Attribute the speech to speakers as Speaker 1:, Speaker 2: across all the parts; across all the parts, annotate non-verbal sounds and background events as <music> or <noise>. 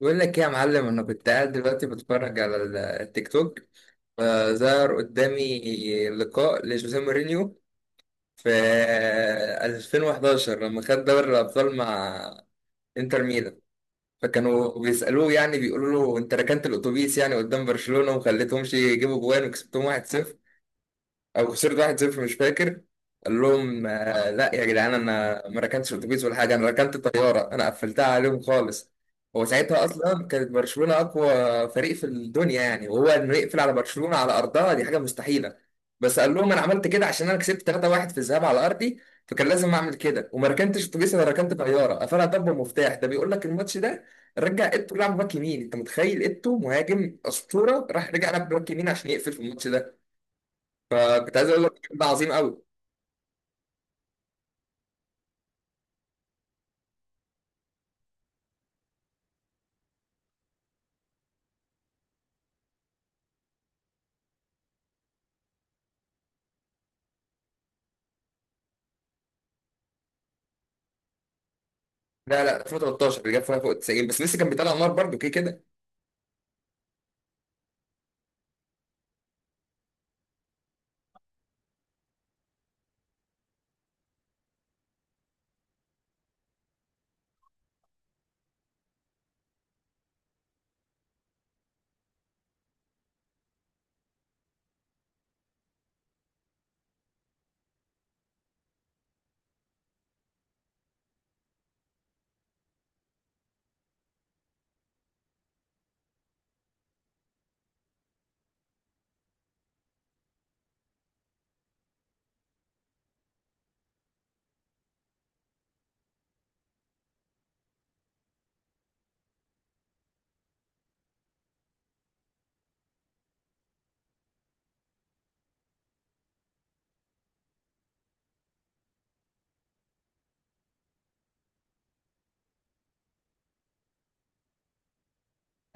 Speaker 1: بقول لك ايه يا معلم، انا كنت قاعد دلوقتي بتفرج على التيك توك، فظهر قدامي لقاء لجوزيه مورينيو في 2011 لما خد دوري الابطال مع انتر ميلان. فكانوا بيسالوه، يعني بيقولوا له انت ركنت الاتوبيس يعني قدام برشلونه وخليتهمش يجيبوا جوان وكسبتهم 1-0 او خسرت 1-0، مش فاكر. قال لهم آه، لا يا جدعان، انا ما ركنتش اتوبيس ولا حاجه، انا ركنت طياره، انا قفلتها عليهم خالص. هو ساعتها اصلا كانت برشلونه اقوى فريق في الدنيا يعني، وهو انه يقفل على برشلونه على ارضها دي حاجه مستحيله. بس قال لهم انا عملت كده عشان انا كسبت 3-1 في الذهاب على ارضي، فكان لازم اعمل كده، وما ركنتش اتوبيس، انا ركنت طياره قفلها ضربه مفتاح. ده بيقول لك الماتش ده رجع ايتو لعب باك يمين. انت متخيل ايتو مهاجم اسطوره راح رجع لعب باك يمين عشان يقفل في الماتش ده. كنت عايز اقول لك الراجل ده عظيم قوي. لا لا، 2013 اللي جاب فيها فوق 90، بس لسه كان بيطلع نار برضه كده كده.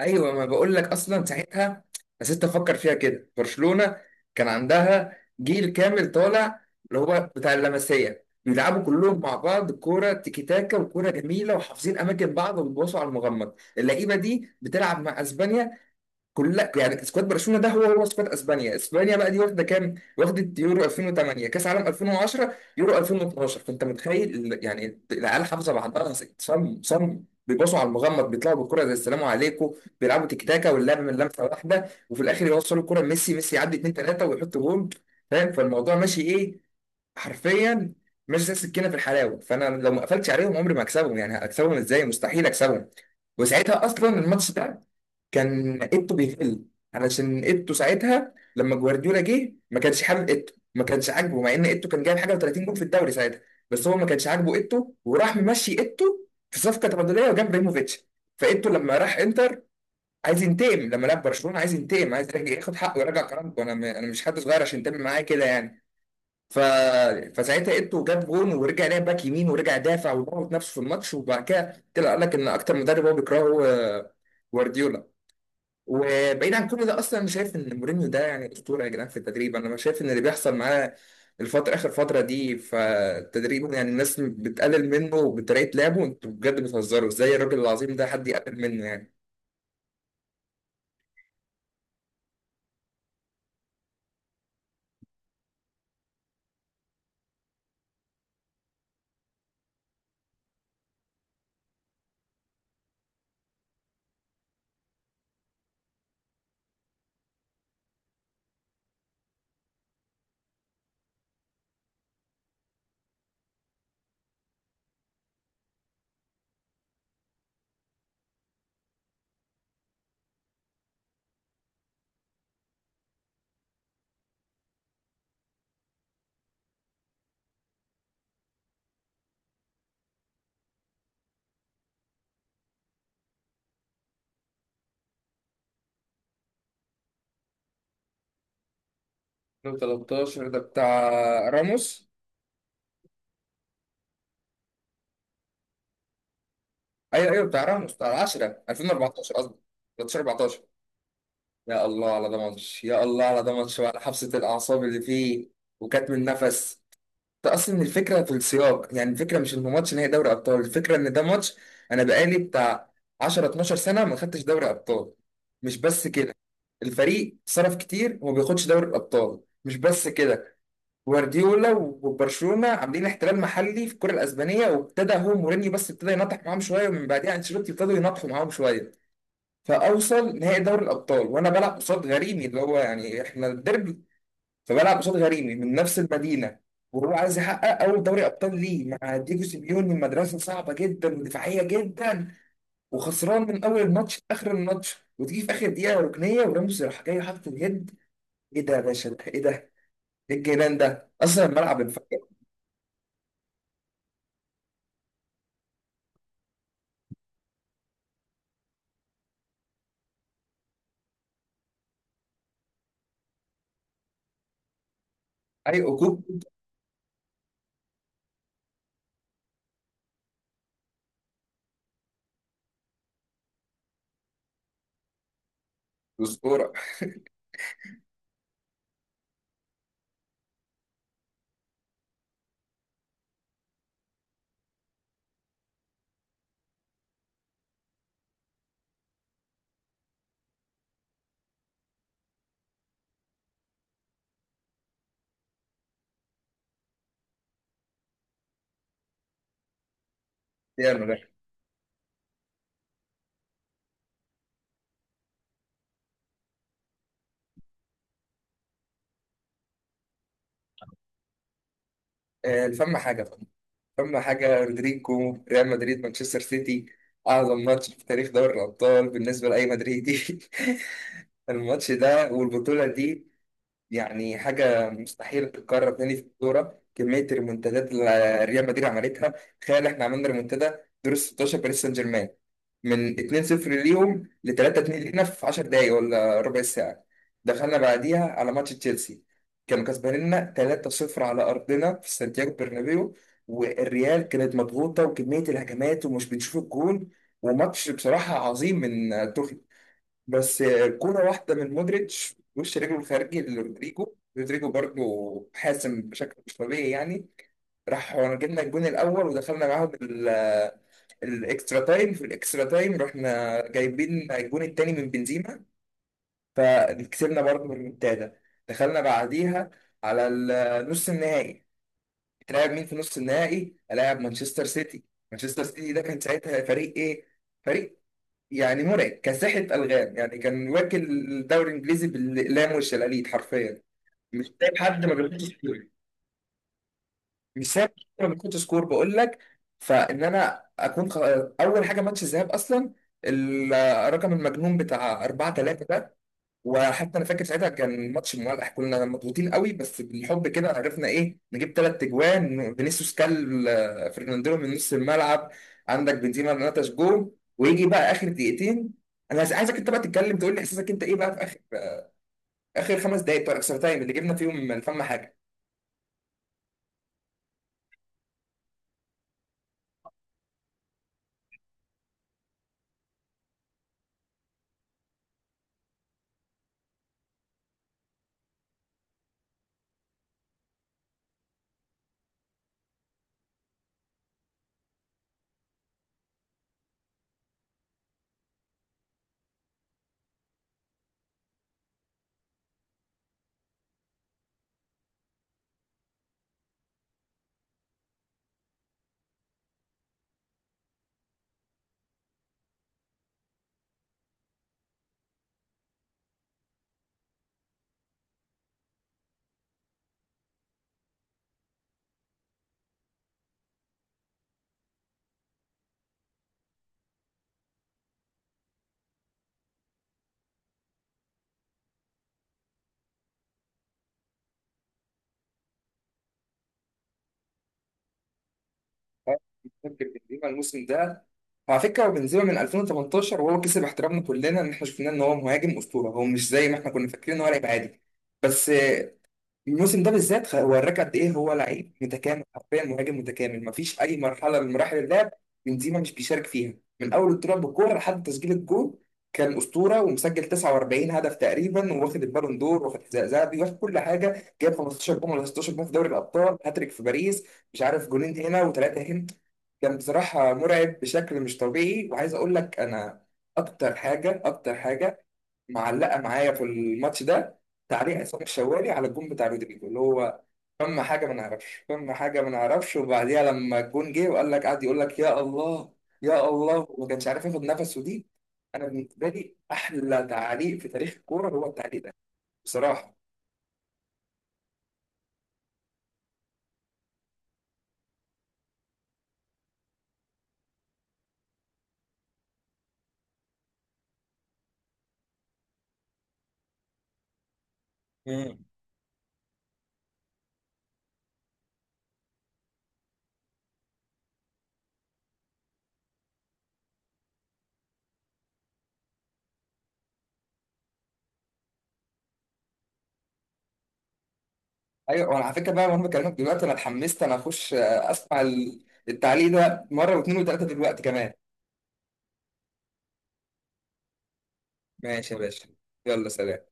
Speaker 1: ايوه، ما بقول لك اصلا ساعتها. بس انت فكر فيها كده، برشلونه كان عندها جيل كامل طالع اللي هو بتاع اللمسيه، بيلعبوا كلهم مع بعض كوره تيكي تاكا وكوره جميله وحافظين اماكن بعض وبيباصوا على المغمض. اللعيبه دي بتلعب مع اسبانيا كلها، يعني سكواد برشلونه ده هو هو سكواد اسبانيا. اسبانيا بقى دي واخده كام؟ واخده يورو 2008، كاس عالم 2010، يورو 2012. فانت متخيل يعني العيال حافظه بعضها صم صم، بيبصوا على المغمض بيطلعوا بالكره زي السلام عليكم. بيلعبوا تيك تاكا واللعب من لمسه واحده، وفي الاخر يوصلوا الكره ميسي، ميسي يعدي 2 3 ويحط جول. فاهم؟ فالموضوع ماشي ايه؟ حرفيا ماشي زي السكينه في الحلاوه. فانا لو ما قفلتش عليهم عمري ما هكسبهم، يعني هكسبهم ازاي؟ مستحيل اكسبهم. وساعتها اصلا الماتش ده كان ايتو بيتقل، علشان ايتو ساعتها لما جوارديولا جه ما كانش حابب ايتو، ما كانش عاجبه، مع ان ايتو كان جايب حاجه و30 جول في الدوري ساعتها. بس هو ما كانش عاجبه ايتو، وراح ممشي ايتو في صفقه تبادليه وجاب ابراهيموفيتش. فايتو لما راح انتر عايز ينتقم، لما لعب برشلونه عايز ينتقم، عايز يرجع ياخد حقه ويرجع كرامته. انا مش حد صغير عشان ينتقم معايا كده يعني. ف... فساعتها ايتو جاب جون ورجع لعب باك يمين ورجع دافع وضغط نفسه في الماتش. وبعد كده طلع قال لك ان اكتر مدرب هو بيكرهه هو جوارديولا. وبعيد عن كل ده، اصلا انا شايف ان مورينيو ده يعني اسطوره يا جدعان في التدريب. انا شايف ان اللي بيحصل معاه الفتره اخر فتره دي فالتدريب، يعني الناس بتقلل منه بطريقه لعبه. انتوا بجد بتهزروا ازاي؟ الراجل العظيم ده حد يقلل منه يعني؟ 2013 ده بتاع راموس. ايوه ايوه، بتاع راموس، بتاع 10 2014 قصدي، 13 14. يا الله على ده ماتش، يا الله على ده ماتش، وعلى حبسه الاعصاب اللي فيه وكاتم النفس. ده اصلا الفكره في السياق، يعني الفكره مش ان ماتش نهائي دوري ابطال، الفكره ان ده ماتش انا بقالي بتاع 10 12 سنه ما خدتش دوري ابطال. مش بس كده، الفريق صرف كتير وما بياخدش دوري الابطال. مش بس كده، جوارديولا وبرشلونه عاملين احتلال محلي في الكره الاسبانيه، وابتدى هو مورينيو بس ابتدى ينطح معاهم شويه، ومن بعدها انشيلوتي ابتدوا ينطحوا معاهم شويه. فاوصل نهائي دوري الابطال وانا بلعب قصاد غريمي اللي هو يعني احنا الديربي. فبلعب قصاد غريمي من نفس المدينه، وهو عايز يحقق اول دوري ابطال ليه مع ديجو سيميوني، مدرسه صعبه جدا ودفاعيه جدا. وخسران من اول الماتش لاخر الماتش، وتيجي في اخر دقيقه ركنيه وراموس راح جاي حاطط اليد. ايه ده يا باشا؟ ده ايه ده؟ ايه الجنان ده؟ اصلا الملعب انفجر. اي عقوق وزقوره. يلا ده. آه، فما حاجه بقى. فما حاجه رودريجو ريال مدريد مانشستر سيتي، اعظم ماتش في تاريخ دوري الابطال بالنسبه لاي مدريدي. <laughs> الماتش ده والبطوله دي يعني حاجة مستحيل تتكرر تاني في الكورة. كمية الريمونتادات اللي ريال مدريد عملتها، تخيل احنا عملنا ريمونتادا دور ال 16 باريس سان جيرمان من 2-0 ليهم ل 3-2 لينا في 10 دقايق ولا ربع ساعة. دخلنا بعديها على ماتش تشيلسي، كانوا كسبانيننا 3-0 على أرضنا في سانتياغو برنابيو، والريال كانت مضغوطة وكمية الهجمات ومش بنشوف الجون. وماتش بصراحة عظيم من توخيل. بس كورة واحدة من مودريتش وش رجله الخارجي لرودريجو، رودريجو برضه حاسم بشكل مش طبيعي يعني. راح جبنا الجون الأول، ودخلنا معاهم الإكسترا تايم. في الإكسترا تايم رحنا جايبين الجون التاني من بنزيما، فكسبنا برضه بالريمونتادا. دخلنا بعديها على النص النهائي. هتلاعب مين في نص النهائي؟ هلاعب مانشستر سيتي. مانشستر سيتي ده كان ساعتها فريق إيه؟ فريق يعني مرعب، كان ساحة ألغام، يعني كان واكل الدوري الإنجليزي بالأقلام والشلاليت حرفيا. مش سايب حد ما بيحطش سكور، مش سايب حد ما بيحطش سكور، بقول لك. فإن أنا أكون أول حاجة ماتش الذهاب أصلا الرقم المجنون بتاع 4 3. وحتى انا فاكر ساعتها كان ماتش مولع، كنا مضغوطين قوي، بس بالحب كده عرفنا ايه نجيب ثلاث تجوان. فينيسيوس كل فرناندينو من نص الملعب. عندك بنزيما نتش جول. ويجي بقى اخر دقيقتين، انا عايزك انت بقى تتكلم تقول لي احساسك انت ايه بقى في اخر اخر خمس دقائق بتوع الاكسترا تايم اللي جبنا فيهم من فم حاجه. آه، فاكر بنزيما الموسم ده، وعلى فكره بنزيما من 2018 وهو كسب احترامنا كلنا ان احنا شفناه ان هو مهاجم اسطوره، هو مش زي ما احنا كنا فاكرين ان هو لعيب عادي. بس الموسم ده بالذات وراك قد ايه هو لعيب متكامل، حرفيا مهاجم متكامل مفيش اي مرحله من مراحل اللعب بنزيما مش بيشارك فيها، من اول الطلوع بالكوره لحد تسجيل الجول. كان اسطوره، ومسجل 49 هدف تقريبا، وواخد البالون دور، واخد حذاء ذهبي، واخد كل حاجه، جايب 15 جون ولا 16 جون في دوري الابطال، هاتريك في باريس، مش عارف جولين هنا وثلاثه هنا. كان بصراحه مرعب بشكل مش طبيعي. وعايز اقول لك انا اكتر حاجه، اكتر حاجه معلقه معايا في الماتش ده، تعليق عصام الشوالي على الجون بتاع رودريجو اللي هو فما حاجه ما نعرفش، فما حاجه ما نعرفش. وبعديها لما الجون جه وقال لك قعد يقول لك يا الله، يا الله، وما كانش عارف ياخد نفسه دي. انا بالنسبه لي احلى تعليق في تاريخ الكوره هو التعليق ده بصراحه. مم. ايوه، وانا على فكره بقى وانا بكلمك دلوقتي انا اتحمست، انا اخش اسمع التعليق ده مره واثنين وثلاثه دلوقتي كمان. ماشي يا باشا، يلا سلام.